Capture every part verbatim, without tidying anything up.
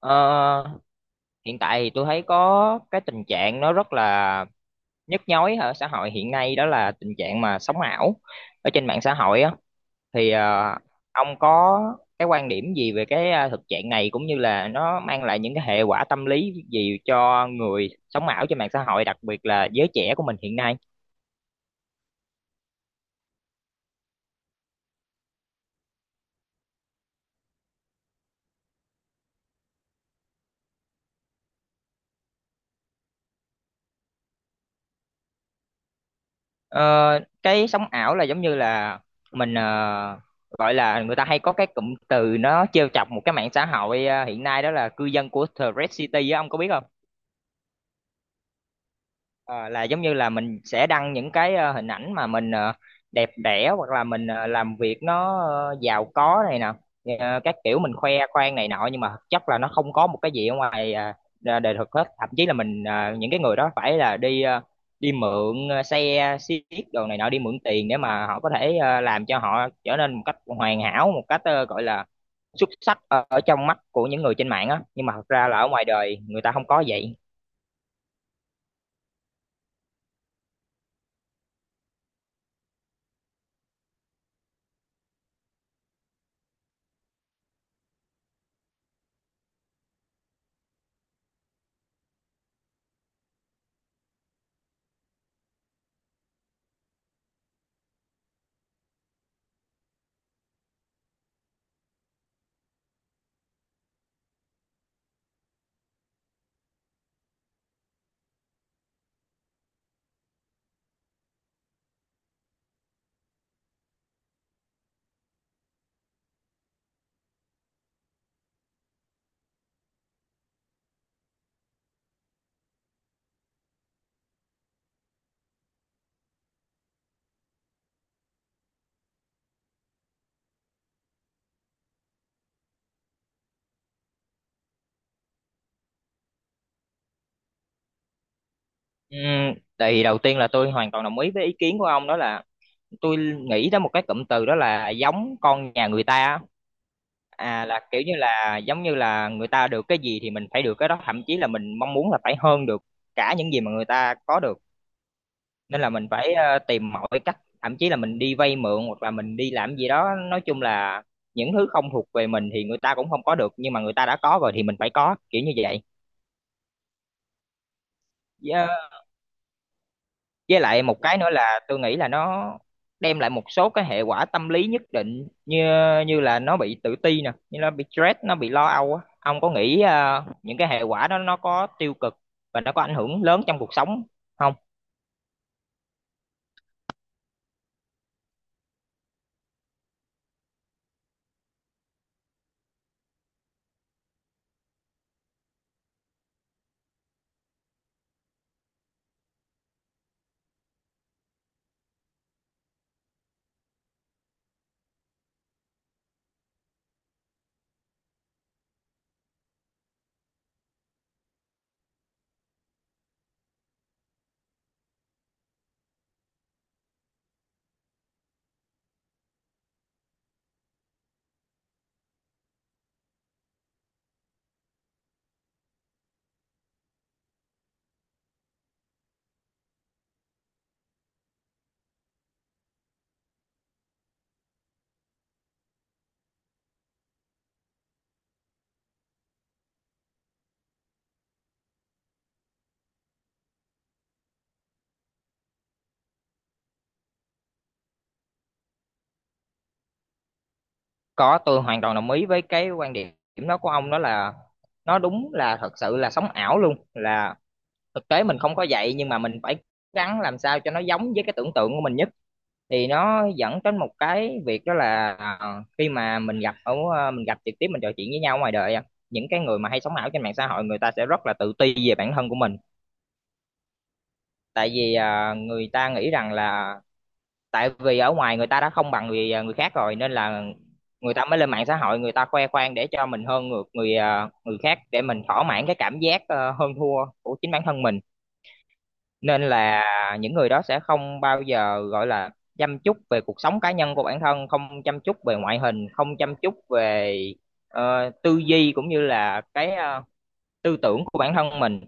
Ờ, Hiện tại thì tôi thấy có cái tình trạng nó rất là nhức nhối ở xã hội hiện nay, đó là tình trạng mà sống ảo ở trên mạng xã hội á. Thì ờ, ông có cái quan điểm gì về cái ờ, thực trạng này, cũng như là nó mang lại những cái hệ quả tâm lý gì cho người sống ảo trên mạng xã hội, đặc biệt là giới trẻ của mình hiện nay? Ờ, cái sống ảo là giống như là mình ờ, gọi là, người ta hay có cái cụm từ nó trêu chọc một cái mạng xã hội ờ, hiện nay, đó là cư dân của The Red City á, ông có biết không? Ờ, là giống như là mình sẽ đăng những cái ờ, hình ảnh mà mình ờ, đẹp đẽ, hoặc là mình ờ, làm việc nó ờ, giàu có này nè. Ờ, các kiểu mình khoe khoang này nọ, nhưng mà thực chất là nó không có một cái gì ở ngoài à, ra đời thực hết. Thậm chí là mình ờ, những cái người đó phải là đi ờ, đi mượn ờ, xe xiếc đồ này nọ, đi mượn tiền để mà họ có thể ờ, làm cho họ trở nên một cách hoàn hảo, một cách ờ, gọi là xuất sắc ở, ở trong mắt của những người trên mạng á, nhưng mà thật ra là ở ngoài đời người ta không có vậy. Ừ, tại đầu tiên là tôi hoàn toàn đồng ý với ý kiến của ông. Đó là tôi nghĩ tới một cái cụm từ, đó là giống con nhà người ta á. À, là kiểu như là giống như là người ta được cái gì thì mình phải được cái đó, thậm chí là mình mong muốn là phải hơn được cả những gì mà người ta có được. Nên là mình phải ờ, tìm mọi cách, thậm chí là mình đi vay mượn hoặc là mình đi làm gì đó. Nói chung là những thứ không thuộc về mình thì người ta cũng không có được, nhưng mà người ta đã có rồi thì mình phải có, kiểu như vậy. Dạ. Với lại một cái nữa là tôi nghĩ là nó đem lại một số cái hệ quả tâm lý nhất định, như như là nó bị tự ti nè, như nó bị stress, nó bị lo âu á. Ông có nghĩ ờ, những cái hệ quả đó nó có tiêu cực và nó có ảnh hưởng lớn trong cuộc sống không? Có, tôi hoàn toàn đồng ý với cái quan điểm đó của ông. Đó là nó đúng, là thật sự là sống ảo luôn là thực tế mình không có vậy, nhưng mà mình phải gắng làm sao cho nó giống với cái tưởng tượng của mình nhất. Thì nó dẫn đến một cái việc, đó là ờ, khi mà mình gặp ở ờ, mình gặp trực tiếp, mình trò chuyện với nhau ngoài đời á, những cái người mà hay sống ảo trên mạng xã hội, người ta sẽ rất là tự ti về bản thân của mình. Tại vì ờ, người ta nghĩ rằng là tại vì ở ngoài người ta đã không bằng người à, người khác rồi, nên là người ta mới lên mạng xã hội, người ta khoe khoang để cho mình hơn ngược người ờ, người khác, để mình thỏa mãn cái cảm giác ờ, hơn thua của chính bản thân mình. Nên là những người đó sẽ không bao giờ gọi là chăm chút về cuộc sống cá nhân của bản thân, không chăm chút về ngoại hình, không chăm chút về ờ, tư duy, cũng như là cái ờ, tư tưởng của bản thân mình.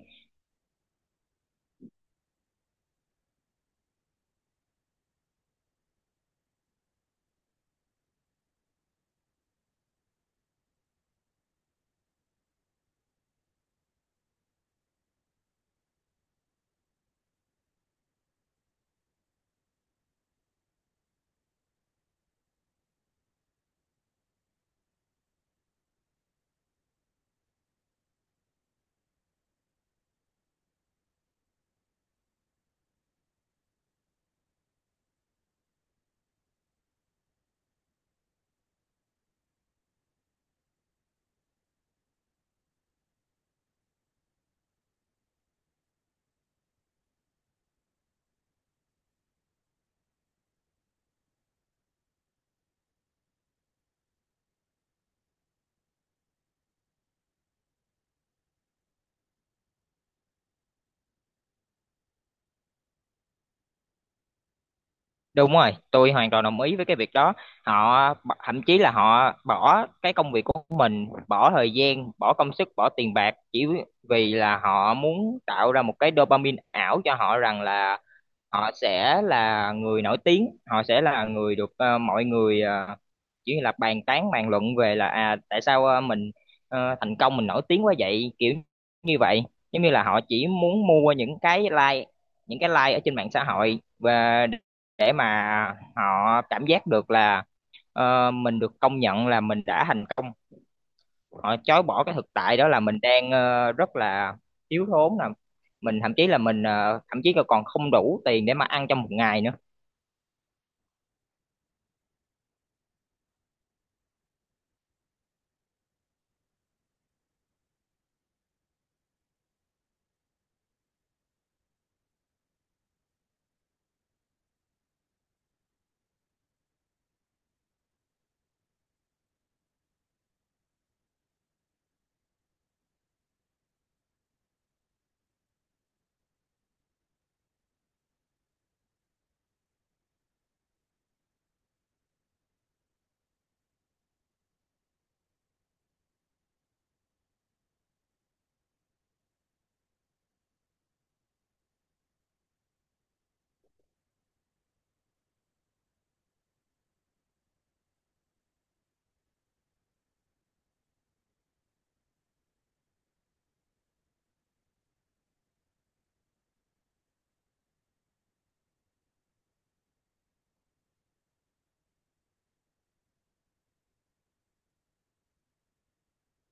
Đúng rồi, tôi hoàn toàn đồng ý với cái việc đó. Họ b- thậm chí là họ bỏ cái công việc của mình, bỏ thời gian, bỏ công sức, bỏ tiền bạc chỉ vì là họ muốn tạo ra một cái dopamine ảo cho họ, rằng là họ sẽ là người nổi tiếng, họ sẽ là người được ờ, mọi người ờ, chỉ là bàn tán bàn luận về là, à tại sao ờ, mình ờ, thành công, mình nổi tiếng quá vậy, kiểu như vậy. Giống như là họ chỉ muốn mua những cái like, những cái like ở trên mạng xã hội, và để mà họ cảm giác được là ờ, mình được công nhận là mình đã thành công. Họ chối bỏ cái thực tại, đó là mình đang ờ, rất là thiếu thốn nè, mình thậm chí là mình ờ, thậm chí là còn không đủ tiền để mà ăn trong một ngày nữa.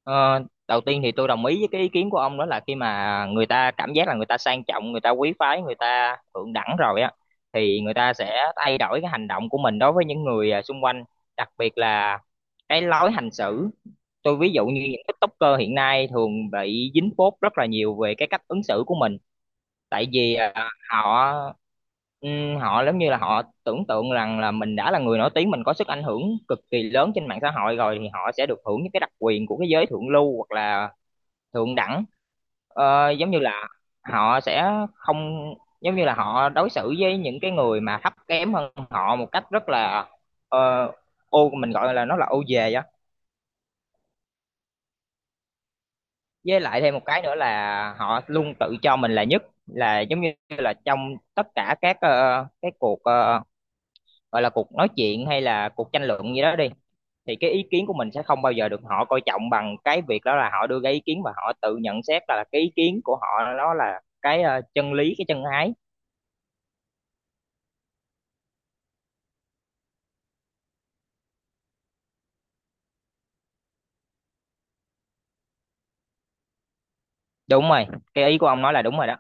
Ờ, Đầu tiên thì tôi đồng ý với cái ý kiến của ông. Đó là khi mà người ta cảm giác là người ta sang trọng, người ta quý phái, người ta thượng đẳng rồi á, thì người ta sẽ thay đổi cái hành động của mình đối với những người ờ, xung quanh, đặc biệt là cái lối hành xử. Tôi ví dụ như những tiktoker hiện nay thường bị dính phốt rất là nhiều về cái cách ứng xử của mình. Tại vì à, họ Ừm, họ giống như là họ tưởng tượng rằng là mình đã là người nổi tiếng, mình có sức ảnh hưởng cực kỳ lớn trên mạng xã hội rồi, thì họ sẽ được hưởng những cái đặc quyền của cái giới thượng lưu, hoặc là thượng đẳng. Ờ, giống như là họ sẽ không, giống như là họ đối xử với những cái người mà thấp kém hơn họ một cách rất là ờ, ô, mình gọi là nó là ô về á. Với lại thêm một cái nữa là họ luôn tự cho mình là nhất. Là giống như là trong tất cả các ờ, cái cuộc ờ, gọi là cuộc nói chuyện hay là cuộc tranh luận gì đó đi, thì cái ý kiến của mình sẽ không bao giờ được họ coi trọng, bằng cái việc đó là họ đưa ra ý kiến và họ tự nhận xét là cái ý kiến của họ nó là cái ờ, chân lý, cái chân ái. Đúng rồi, cái ý của ông nói là đúng rồi đó.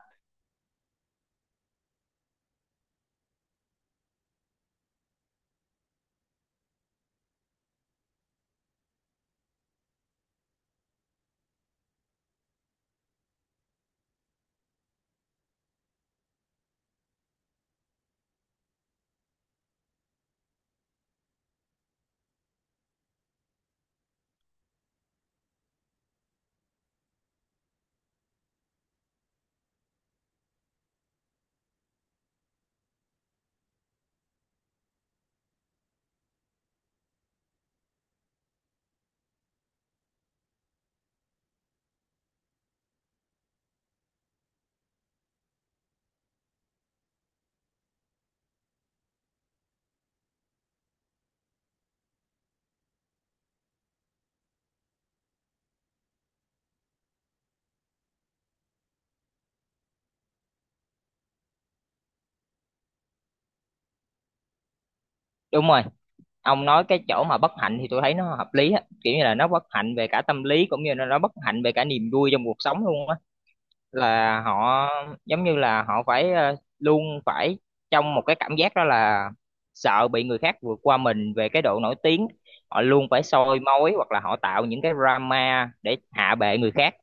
Đúng rồi, ông nói cái chỗ mà bất hạnh thì tôi thấy nó hợp lý á, kiểu như là nó bất hạnh về cả tâm lý cũng như là nó bất hạnh về cả niềm vui trong cuộc sống luôn á. Là họ giống như là họ phải ờ, luôn phải trong một cái cảm giác, đó là sợ bị người khác vượt qua mình về cái độ nổi tiếng. Họ luôn phải soi mói, hoặc là họ tạo những cái drama để hạ bệ người khác.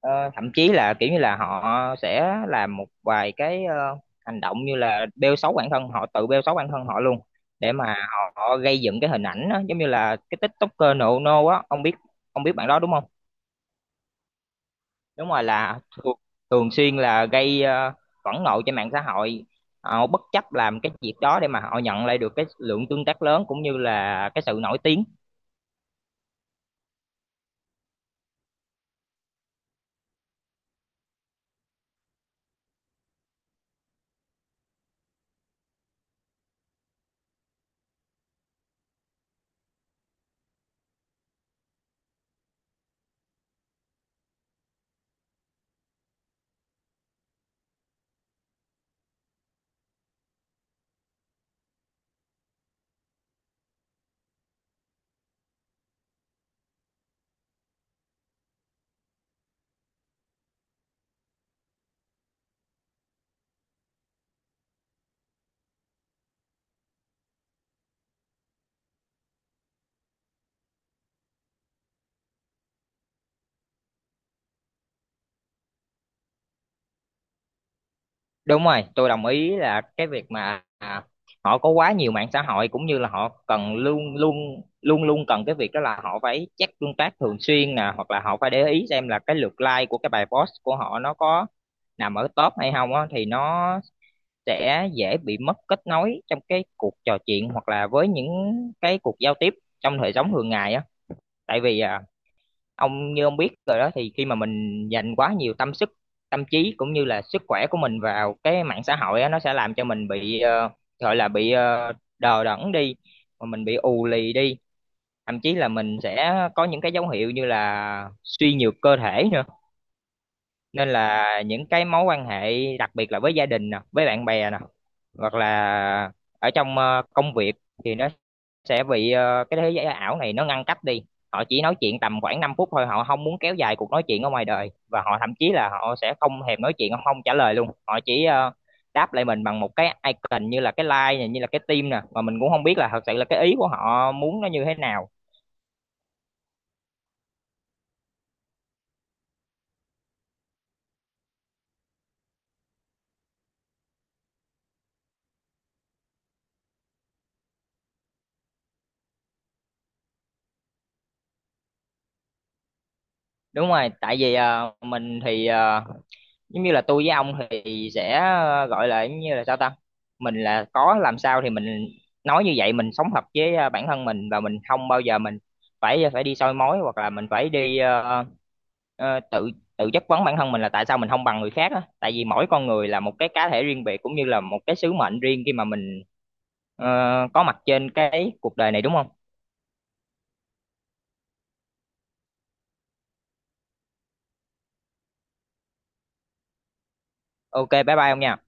Ờ, Thậm chí là kiểu như là họ sẽ làm một vài cái ờ, hành động như là bêu xấu bản thân, họ tự bêu xấu bản thân họ luôn để mà họ, họ gây dựng cái hình ảnh đó. Giống như là cái TikToker nộ nô á, ông biết, ông biết bạn đó đúng không? Đúng rồi, là thường, thường xuyên là gây ờ, phẫn nộ trên mạng xã hội. Họ bất chấp làm cái việc đó để mà họ nhận lại được cái lượng tương tác lớn, cũng như là cái sự nổi tiếng. Đúng rồi, tôi đồng ý là cái việc mà à, họ có quá nhiều mạng xã hội, cũng như là họ cần luôn luôn luôn luôn cần cái việc đó là họ phải check tương tác thường xuyên nè, hoặc là họ phải để ý xem là cái lượt like của cái bài post của họ nó có nằm ở top hay không á. Thì nó sẽ dễ bị mất kết nối trong cái cuộc trò chuyện hoặc là với những cái cuộc giao tiếp trong đời sống thường ngày á. Tại vì à, ông như ông biết rồi đó, thì khi mà mình dành quá nhiều tâm sức, tâm trí cũng như là sức khỏe của mình vào cái mạng xã hội á, nó sẽ làm cho mình bị ờ, gọi là bị ờ, đờ đẫn đi, mà mình bị ù lì đi, thậm chí là mình sẽ có những cái dấu hiệu như là suy nhược cơ thể nữa. Nên là những cái mối quan hệ đặc biệt là với gia đình nè, với bạn bè nè, hoặc là ở trong ờ, công việc, thì nó sẽ bị ờ, cái thế giới ảo này nó ngăn cách đi. Họ chỉ nói chuyện tầm khoảng năm phút thôi, họ không muốn kéo dài cuộc nói chuyện ở ngoài đời, và họ thậm chí là họ sẽ không thèm nói chuyện, họ không trả lời luôn, họ chỉ ờ, đáp lại mình bằng một cái icon, như là cái like này, như là cái tim nè, mà mình cũng không biết là thật sự là cái ý của họ muốn nó như thế nào. Đúng rồi, tại vì ờ, mình thì ờ, giống như là tôi với ông thì sẽ ờ, gọi là giống như là sao ta, mình là có làm sao thì mình nói như vậy, mình sống thật với ờ, bản thân mình, và mình không bao giờ mình phải ờ, phải đi soi mói, hoặc là mình phải đi ờ, ờ, tự tự chất vấn bản thân mình là tại sao mình không bằng người khác á. Tại vì mỗi con người là một cái cá thể riêng biệt, cũng như là một cái sứ mệnh riêng khi mà mình ờ, có mặt trên cái cuộc đời này đúng không? OK, bye bye ông nha.